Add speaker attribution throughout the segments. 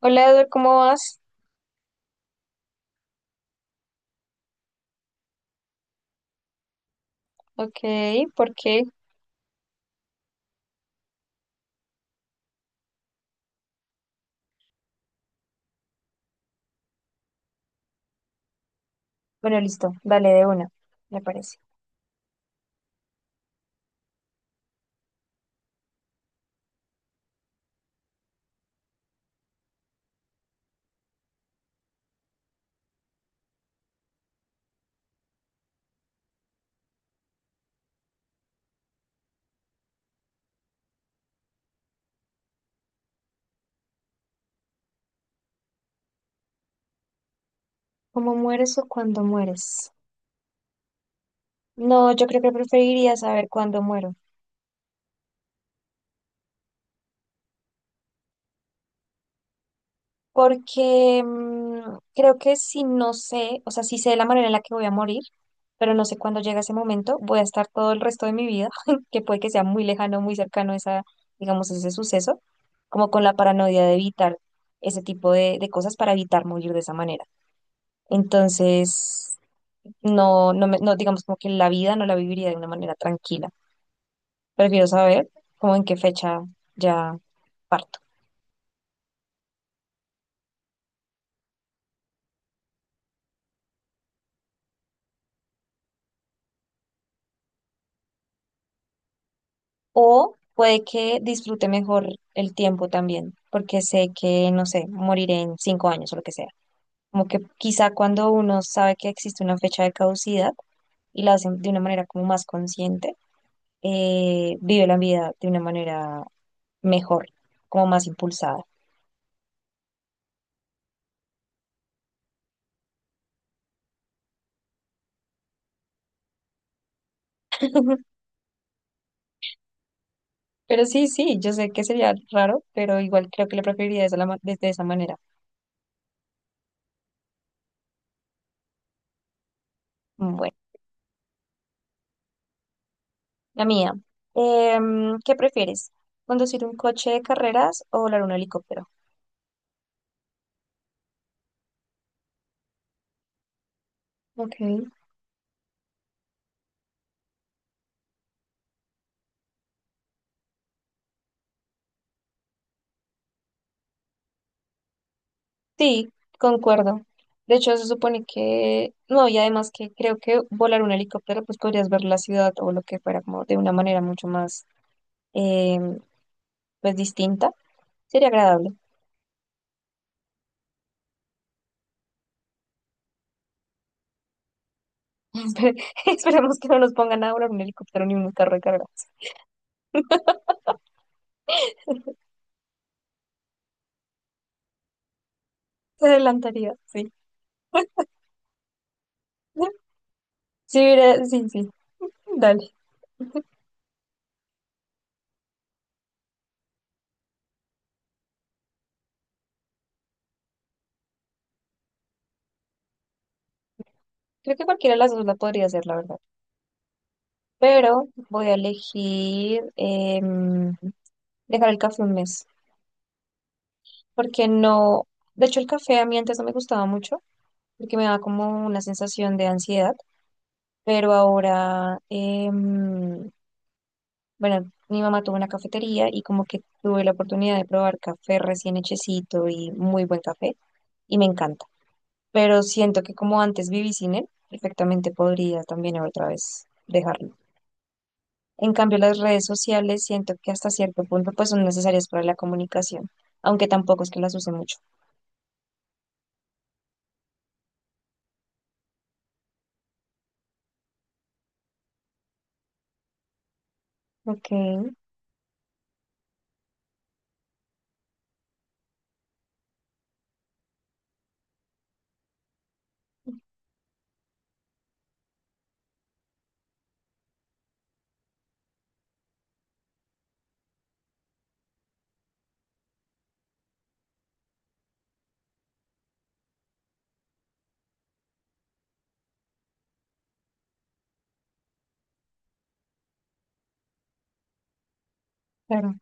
Speaker 1: Hola Eduardo, ¿cómo vas? Ok, ¿por qué? Bueno, listo, dale de una, me parece. ¿Cómo mueres o cuándo mueres? No, yo creo que preferiría saber cuándo muero, porque creo que si no sé, o sea, si sé la manera en la que voy a morir, pero no sé cuándo llega ese momento, voy a estar todo el resto de mi vida, que puede que sea muy lejano, muy cercano esa, digamos, ese suceso, como con la paranoia de evitar ese tipo de cosas para evitar morir de esa manera. Entonces, no, digamos como que la vida no la viviría de una manera tranquila. Prefiero saber como en qué fecha ya parto. O puede que disfrute mejor el tiempo también, porque sé que, no sé, moriré en 5 años o lo que sea. Como que quizá cuando uno sabe que existe una fecha de caducidad y la hacen de una manera como más consciente, vive la vida de una manera mejor, como más impulsada. Pero sí, sí, yo sé que sería raro, pero igual creo que lo preferiría de esa, de esa manera. Bueno, la mía. ¿Qué prefieres? ¿Conducir un coche de carreras o volar un helicóptero? Ok. Sí, concuerdo. De hecho, se supone que, no, y además que creo que volar un helicóptero, pues podrías ver la ciudad o lo que fuera como de una manera mucho más, em, pues distinta. Sería agradable. Espere- Esperemos que no nos pongan a volar un helicóptero ni un carro de carreras. Se adelantaría, sí. Sí, mira, sí, sí, dale. Creo que cualquiera de las dos la podría hacer, la verdad. Pero voy a elegir dejar el café un mes, porque no, de hecho el café a mí antes no me gustaba mucho, porque me daba como una sensación de ansiedad, pero ahora, em, bueno, mi mamá tuvo una cafetería y como que tuve la oportunidad de probar café recién hechecito y muy buen café y me encanta. Pero siento que como antes viví sin él, perfectamente podría también otra vez dejarlo. En cambio, las redes sociales siento que hasta cierto punto pues son necesarias para la comunicación, aunque tampoco es que las use mucho. Ok, claro.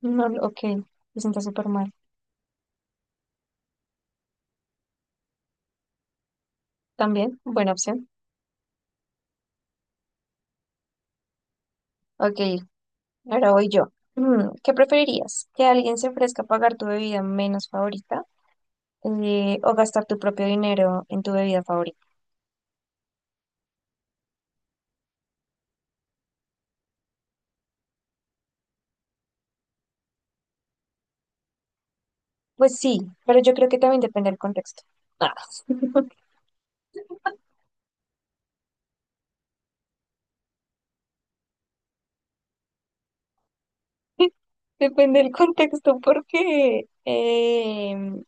Speaker 1: No, ok, me siento súper mal. También, buena opción. Ok, ahora voy yo. ¿Qué preferirías? ¿Que alguien se ofrezca a pagar tu bebida menos favorita o gastar tu propio dinero en tu bebida favorita? Pues sí, pero yo creo que también depende del contexto. Ah. Depende del contexto porque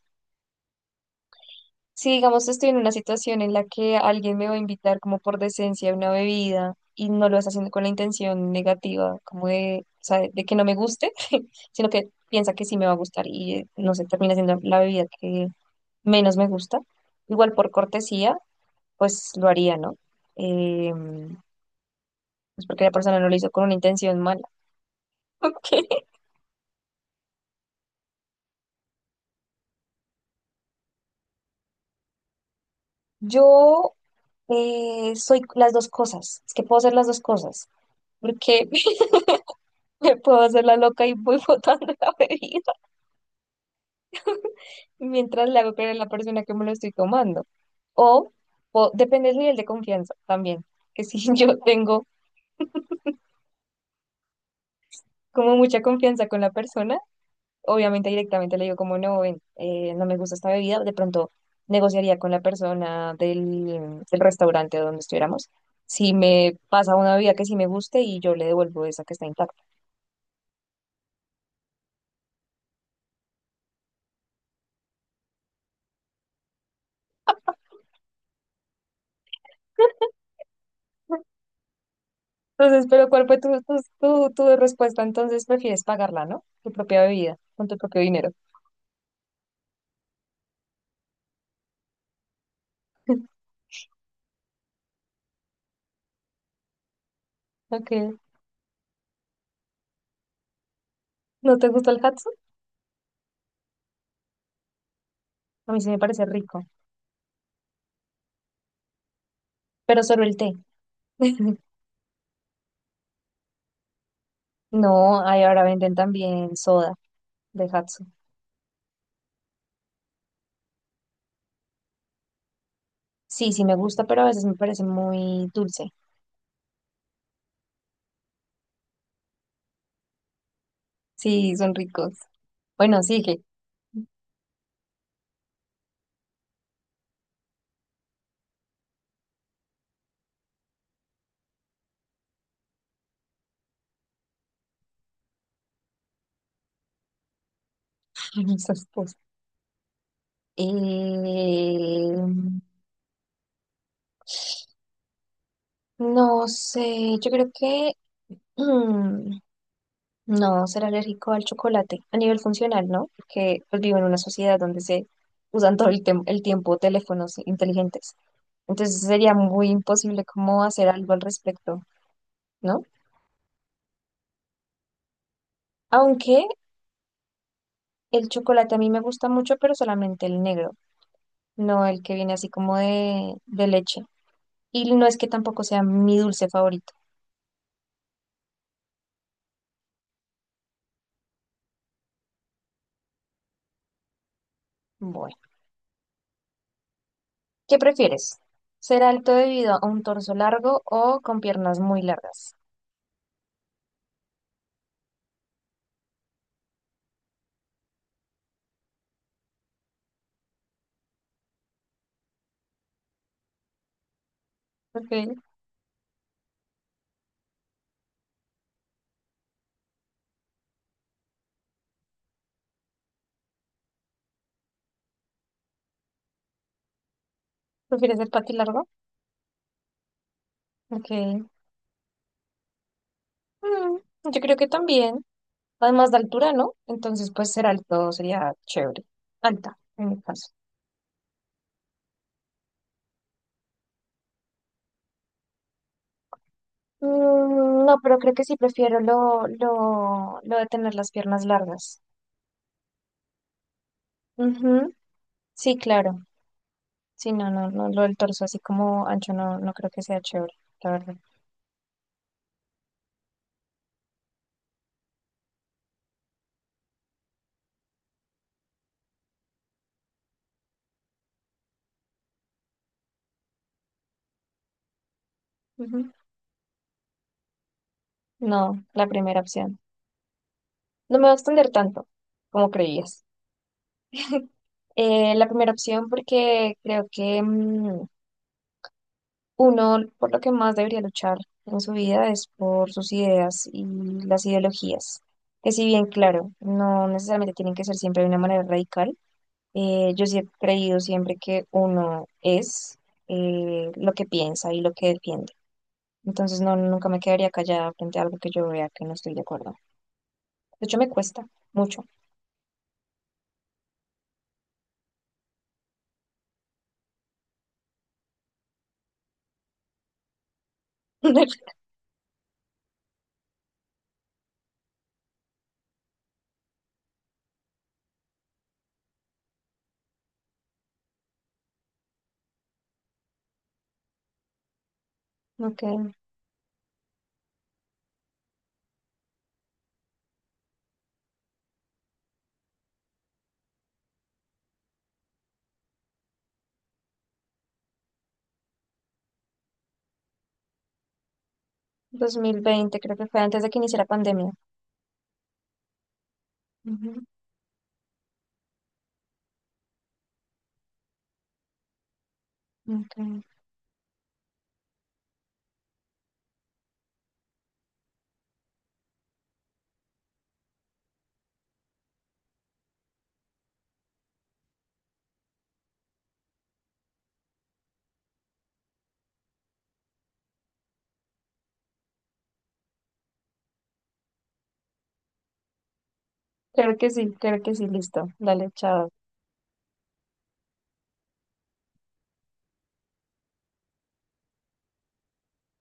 Speaker 1: si digamos estoy en una situación en la que alguien me va a invitar como por decencia a una bebida y no lo está haciendo con la intención negativa, como de, o sea, de que no me guste, sino que piensa que sí me va a gustar y no sé, termina siendo la bebida que menos me gusta. Igual por cortesía, pues lo haría, ¿no? Eh, pues porque la persona no lo hizo con una intención mala. Ok. Yo soy las dos cosas, es que puedo hacer las dos cosas, porque me puedo hacer la loca y voy botando la bebida, mientras le hago creer a la persona que me lo estoy tomando. O, o depende del nivel de confianza también, que si yo tengo como mucha confianza con la persona, obviamente directamente le digo como no, ven, no me gusta esta bebida, de pronto negociaría con la persona del restaurante donde estuviéramos. Si me pasa una bebida que sí me guste y yo le devuelvo esa que está intacta. Entonces, pero ¿cuál fue tu respuesta? Entonces prefieres pagarla, ¿no? Tu propia bebida, con tu propio dinero. Ok. ¿No te gusta el hat? A mí sí me parece rico, pero solo el té. No, ahí ahora venden también soda de Hatsu. Sí, sí me gusta, pero a veces me parece muy dulce. Sí, son ricos. Bueno, sigue. Ay, esas cosas. Eh, no sé, yo creo que mm, no, ser alérgico al chocolate a nivel funcional, ¿no? Porque pues, vivo en una sociedad donde se usan todo el, el tiempo teléfonos inteligentes. Entonces sería muy imposible cómo hacer algo al respecto. ¿No? Aunque el chocolate a mí me gusta mucho, pero solamente el negro, no el que viene así como de leche. Y no es que tampoco sea mi dulce favorito. Bueno, ¿qué prefieres? ¿Ser alto debido a un torso largo o con piernas muy largas? Ok, ¿prefieres el pati largo? Ok, Mm, yo creo que también. Además de altura, ¿no? Entonces, pues ser alto sería chévere. Alta, en mi caso. No, pero creo que sí prefiero lo de tener las piernas largas. Ujú, sí, claro. Sí, no, no, no, lo del torso así como ancho no, no creo que sea chévere, la verdad. Ujú. No, la primera opción. No me va a extender tanto como creías. La primera opción porque creo que uno por lo que más debería luchar en su vida es por sus ideas y las ideologías. Que si bien, claro, no necesariamente tienen que ser siempre de una manera radical, yo sí he creído siempre que uno es lo que piensa y lo que defiende. Entonces no, nunca me quedaría callada frente a algo que yo vea que no estoy de acuerdo. De hecho, me cuesta mucho. Ok, 2020 creo que fue antes de que iniciara pandemia. Ujú, ok. Creo que sí, listo. Dale, chao.